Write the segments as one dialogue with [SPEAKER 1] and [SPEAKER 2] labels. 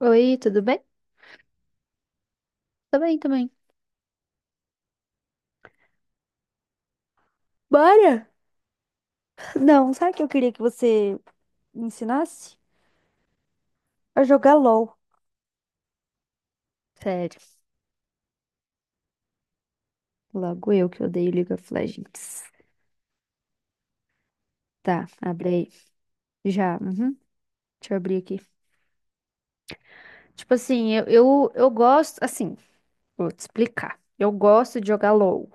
[SPEAKER 1] Oi, tudo bem? Tô bem também. Bora? Não, sabe o que eu queria que você me ensinasse? A jogar LOL. Sério, logo eu que odeio League of Legends. Tá, abre aí. Já, uhum. Deixa eu abrir aqui. Tipo assim, eu gosto, assim, vou te explicar. Eu gosto de jogar LoL.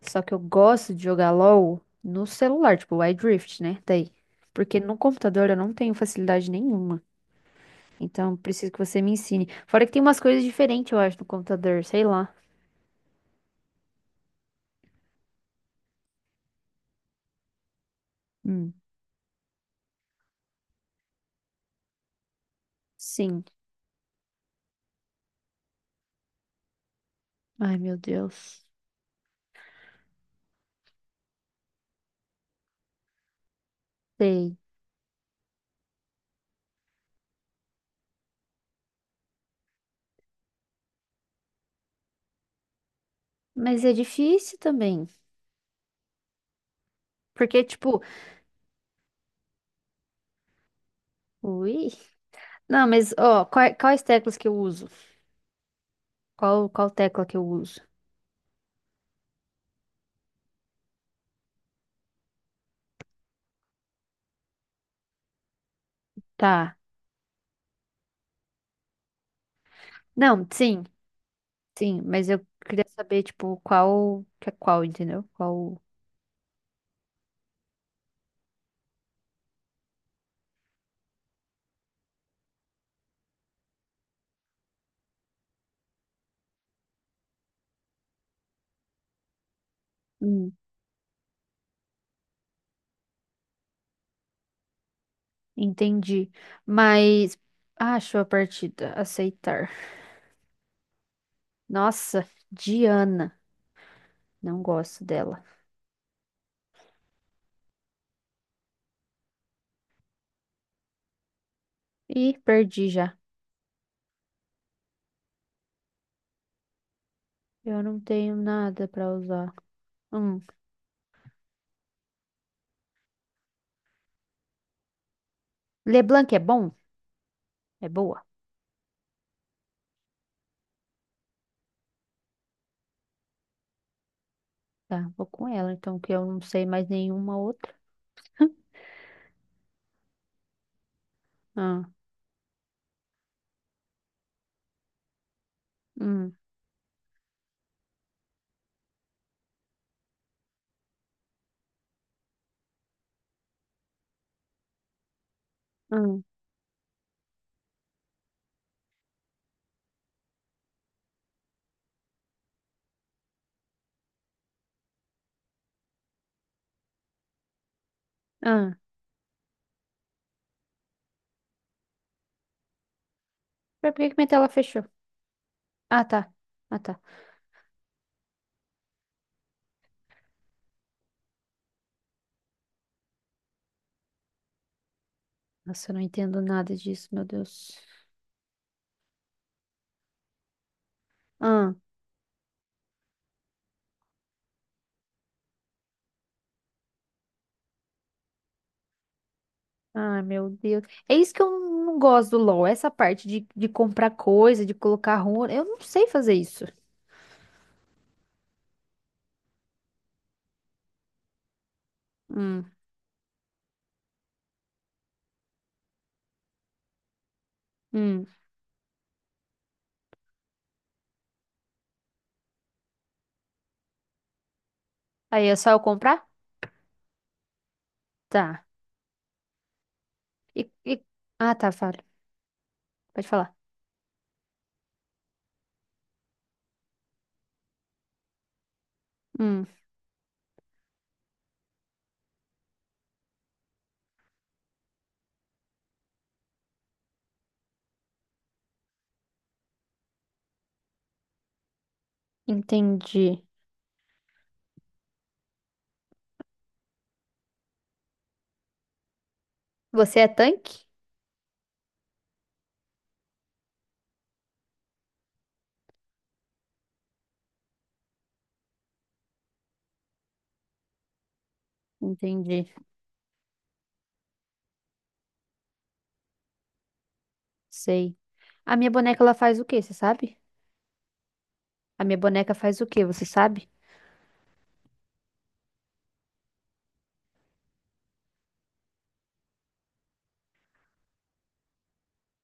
[SPEAKER 1] Só que eu gosto de jogar LoL no celular, tipo, o iDrift, né? Daí. Porque no computador eu não tenho facilidade nenhuma. Então, preciso que você me ensine. Fora que tem umas coisas diferentes, eu acho, no computador, sei lá. Hum, sim. Ai, meu Deus. Sei. Mas é difícil também. Porque, tipo, ui. Não, mas, ó, quais teclas que eu uso? Qual tecla que eu uso? Tá. Não, sim, sim. Mas eu queria saber, tipo, qual, que é qual, entendeu? Qual. Hum, entendi. Mas. Acho a partida. Aceitar. Nossa, Diana. Não gosto dela. Ih, perdi já. Eu não tenho nada pra usar. Hum. Leblanc é bom? É boa. Tá, vou com ela, então, que eu não sei mais nenhuma outra. Ah, hum, hum, ah. Mas por que que minha tela fechou? Ah, tá. Ah, tá. Nossa, eu não entendo nada disso, meu Deus. Ah, ah, meu Deus. É isso que eu não gosto do LoL, essa parte de comprar coisa, de colocar runa. Eu não sei fazer isso. Hum, hum. Aí é só eu comprar? Tá. E... Ah, tá, fala. Pode falar. Hum, entendi. Você é tanque? Entendi. Sei. A minha boneca, ela faz o quê, você sabe? A minha boneca faz o quê, você sabe?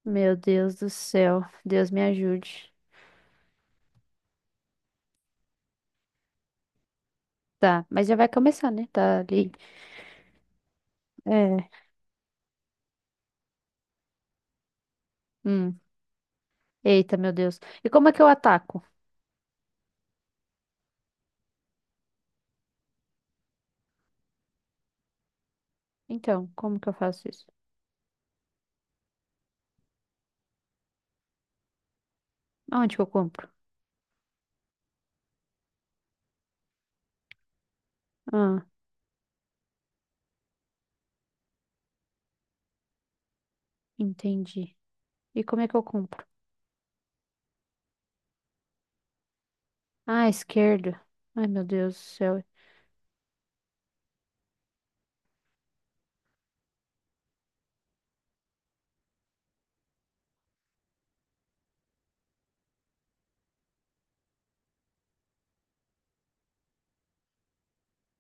[SPEAKER 1] Meu Deus do céu. Deus me ajude. Tá, mas já vai começar, né? Tá ali. É. Hum. Eita, meu Deus. E como é que eu ataco? Então, como que eu faço isso? Onde que eu compro? Ah, entendi. E como é que eu compro? Ah, esquerda. Ai, meu Deus do céu.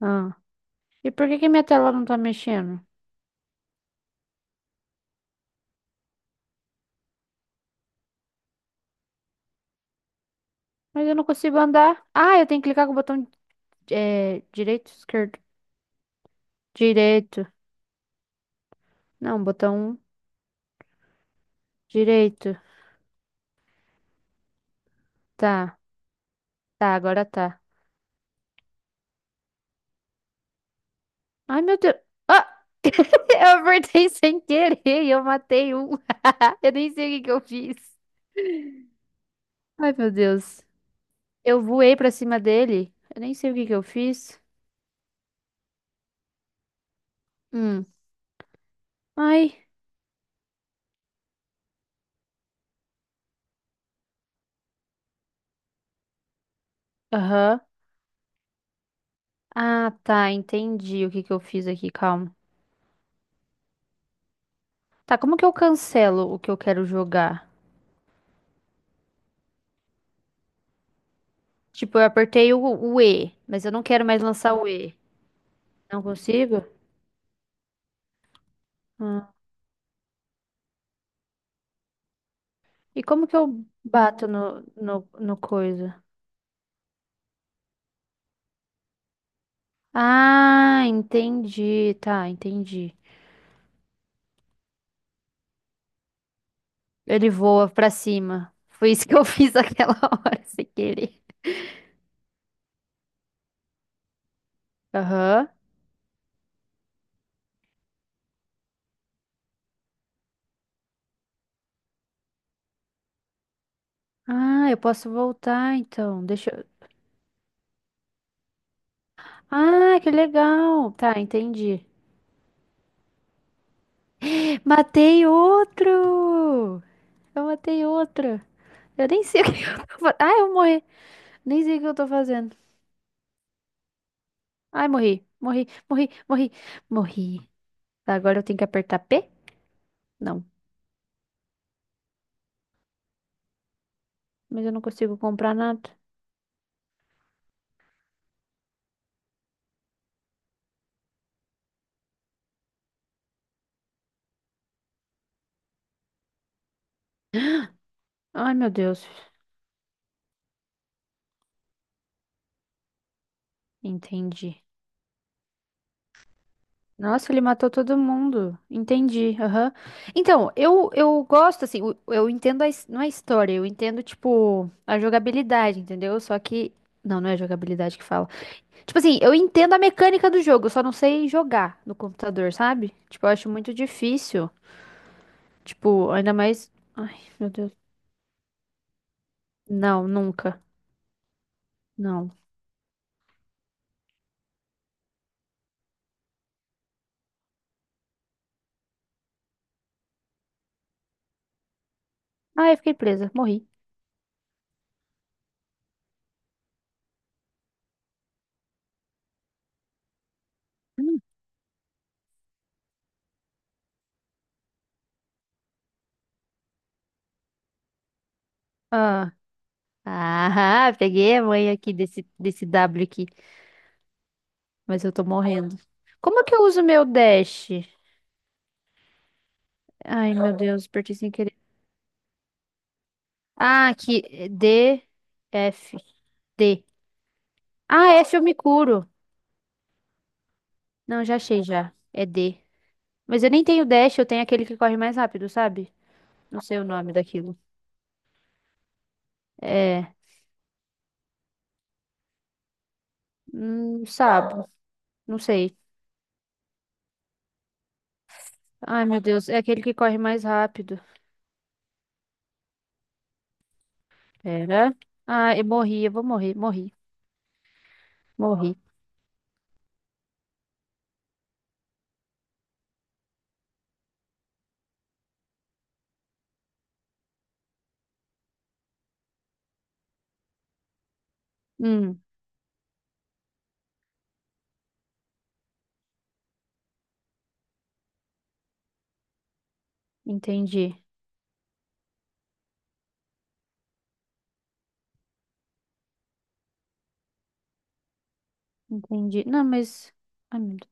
[SPEAKER 1] Ah. E por que que minha tela não tá mexendo? Mas eu não consigo andar. Ah, eu tenho que clicar com o botão, é, direito, esquerdo. Direito. Não, botão direito. Tá. Tá, agora tá. Ai, meu Deus. Ah! Eu apertei sem querer e eu matei um. Eu nem sei o que que eu fiz. Ai, meu Deus. Eu voei pra cima dele. Eu nem sei o que que eu fiz. Hum. Ai. Aham. Ah, tá. Entendi o que que eu fiz aqui. Calma. Tá, como que eu cancelo o que eu quero jogar? Tipo, eu apertei o E, mas eu não quero mais lançar o E. Não consigo? Hum. E como que eu bato no, no, no coisa? Ah, entendi. Tá, entendi. Ele voa pra cima. Foi isso que eu fiz aquela hora, sem querer. Aham. Ah, eu posso voltar então. Deixa eu. Ah, que legal. Tá, entendi. Matei outro! Eu matei outro. Eu nem sei o que eu tô fazendo. Ah, eu morri. Nem sei o que eu tô fazendo. Ai, morri. Morri, morri, morri, morri. Tá, agora eu tenho que apertar P? Não. Mas eu não consigo comprar nada. Ai, meu Deus. Entendi. Nossa, ele matou todo mundo. Entendi. Aham. Então, eu gosto, assim, eu entendo a, his- não a história, eu entendo, tipo, a jogabilidade, entendeu? Só que. Não, não é jogabilidade que fala. Tipo assim, eu entendo a mecânica do jogo, eu só não sei jogar no computador, sabe? Tipo, eu acho muito difícil. Tipo, ainda mais. Ai, meu Deus. Não, nunca. Não. Ah, eu fiquei presa, morri. Ah, ah, peguei a mãe aqui desse W aqui. Mas eu tô morrendo. Como é que eu uso meu dash? Ai, meu Deus, apertei sem querer. Ah, aqui, é D, F, D. Ah, F eu me curo. Não, já achei já. É D. Mas eu nem tenho dash, eu tenho aquele que corre mais rápido, sabe? Não sei o nome daquilo. É, sabo, não sei. Ai, meu Deus, é aquele que corre mais rápido. Pera. Ah, eu morri, eu vou morrer, morri, morri. Hum, entendi, entendi. Não, mas... Ai, meu Deus.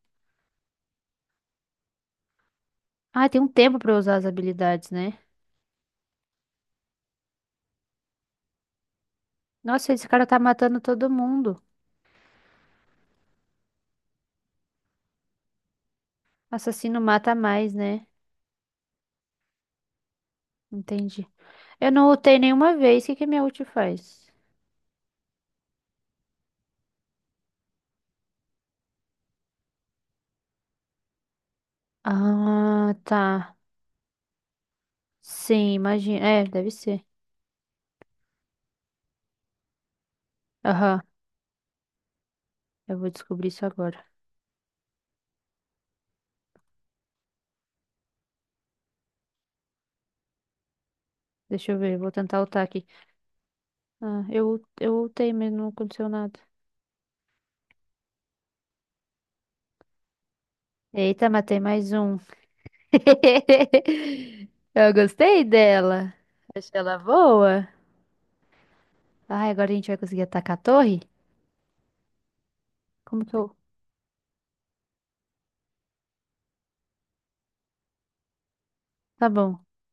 [SPEAKER 1] Ah, tem um tempo pra eu usar as habilidades, né? Nossa, esse cara tá matando todo mundo. Assassino mata mais, né? Entendi. Eu não ultei nenhuma vez. O que que minha ult faz? Ah, tá. Sim, imagina. É, deve ser. Aham, eu vou descobrir isso agora. Deixa eu ver, vou tentar ultar aqui. Ah, eu ultei, mas não aconteceu nada. Eita, matei mais um. Eu gostei dela. Achei ela boa. Ai, agora a gente vai conseguir atacar a torre? Como que eu... Tá bom.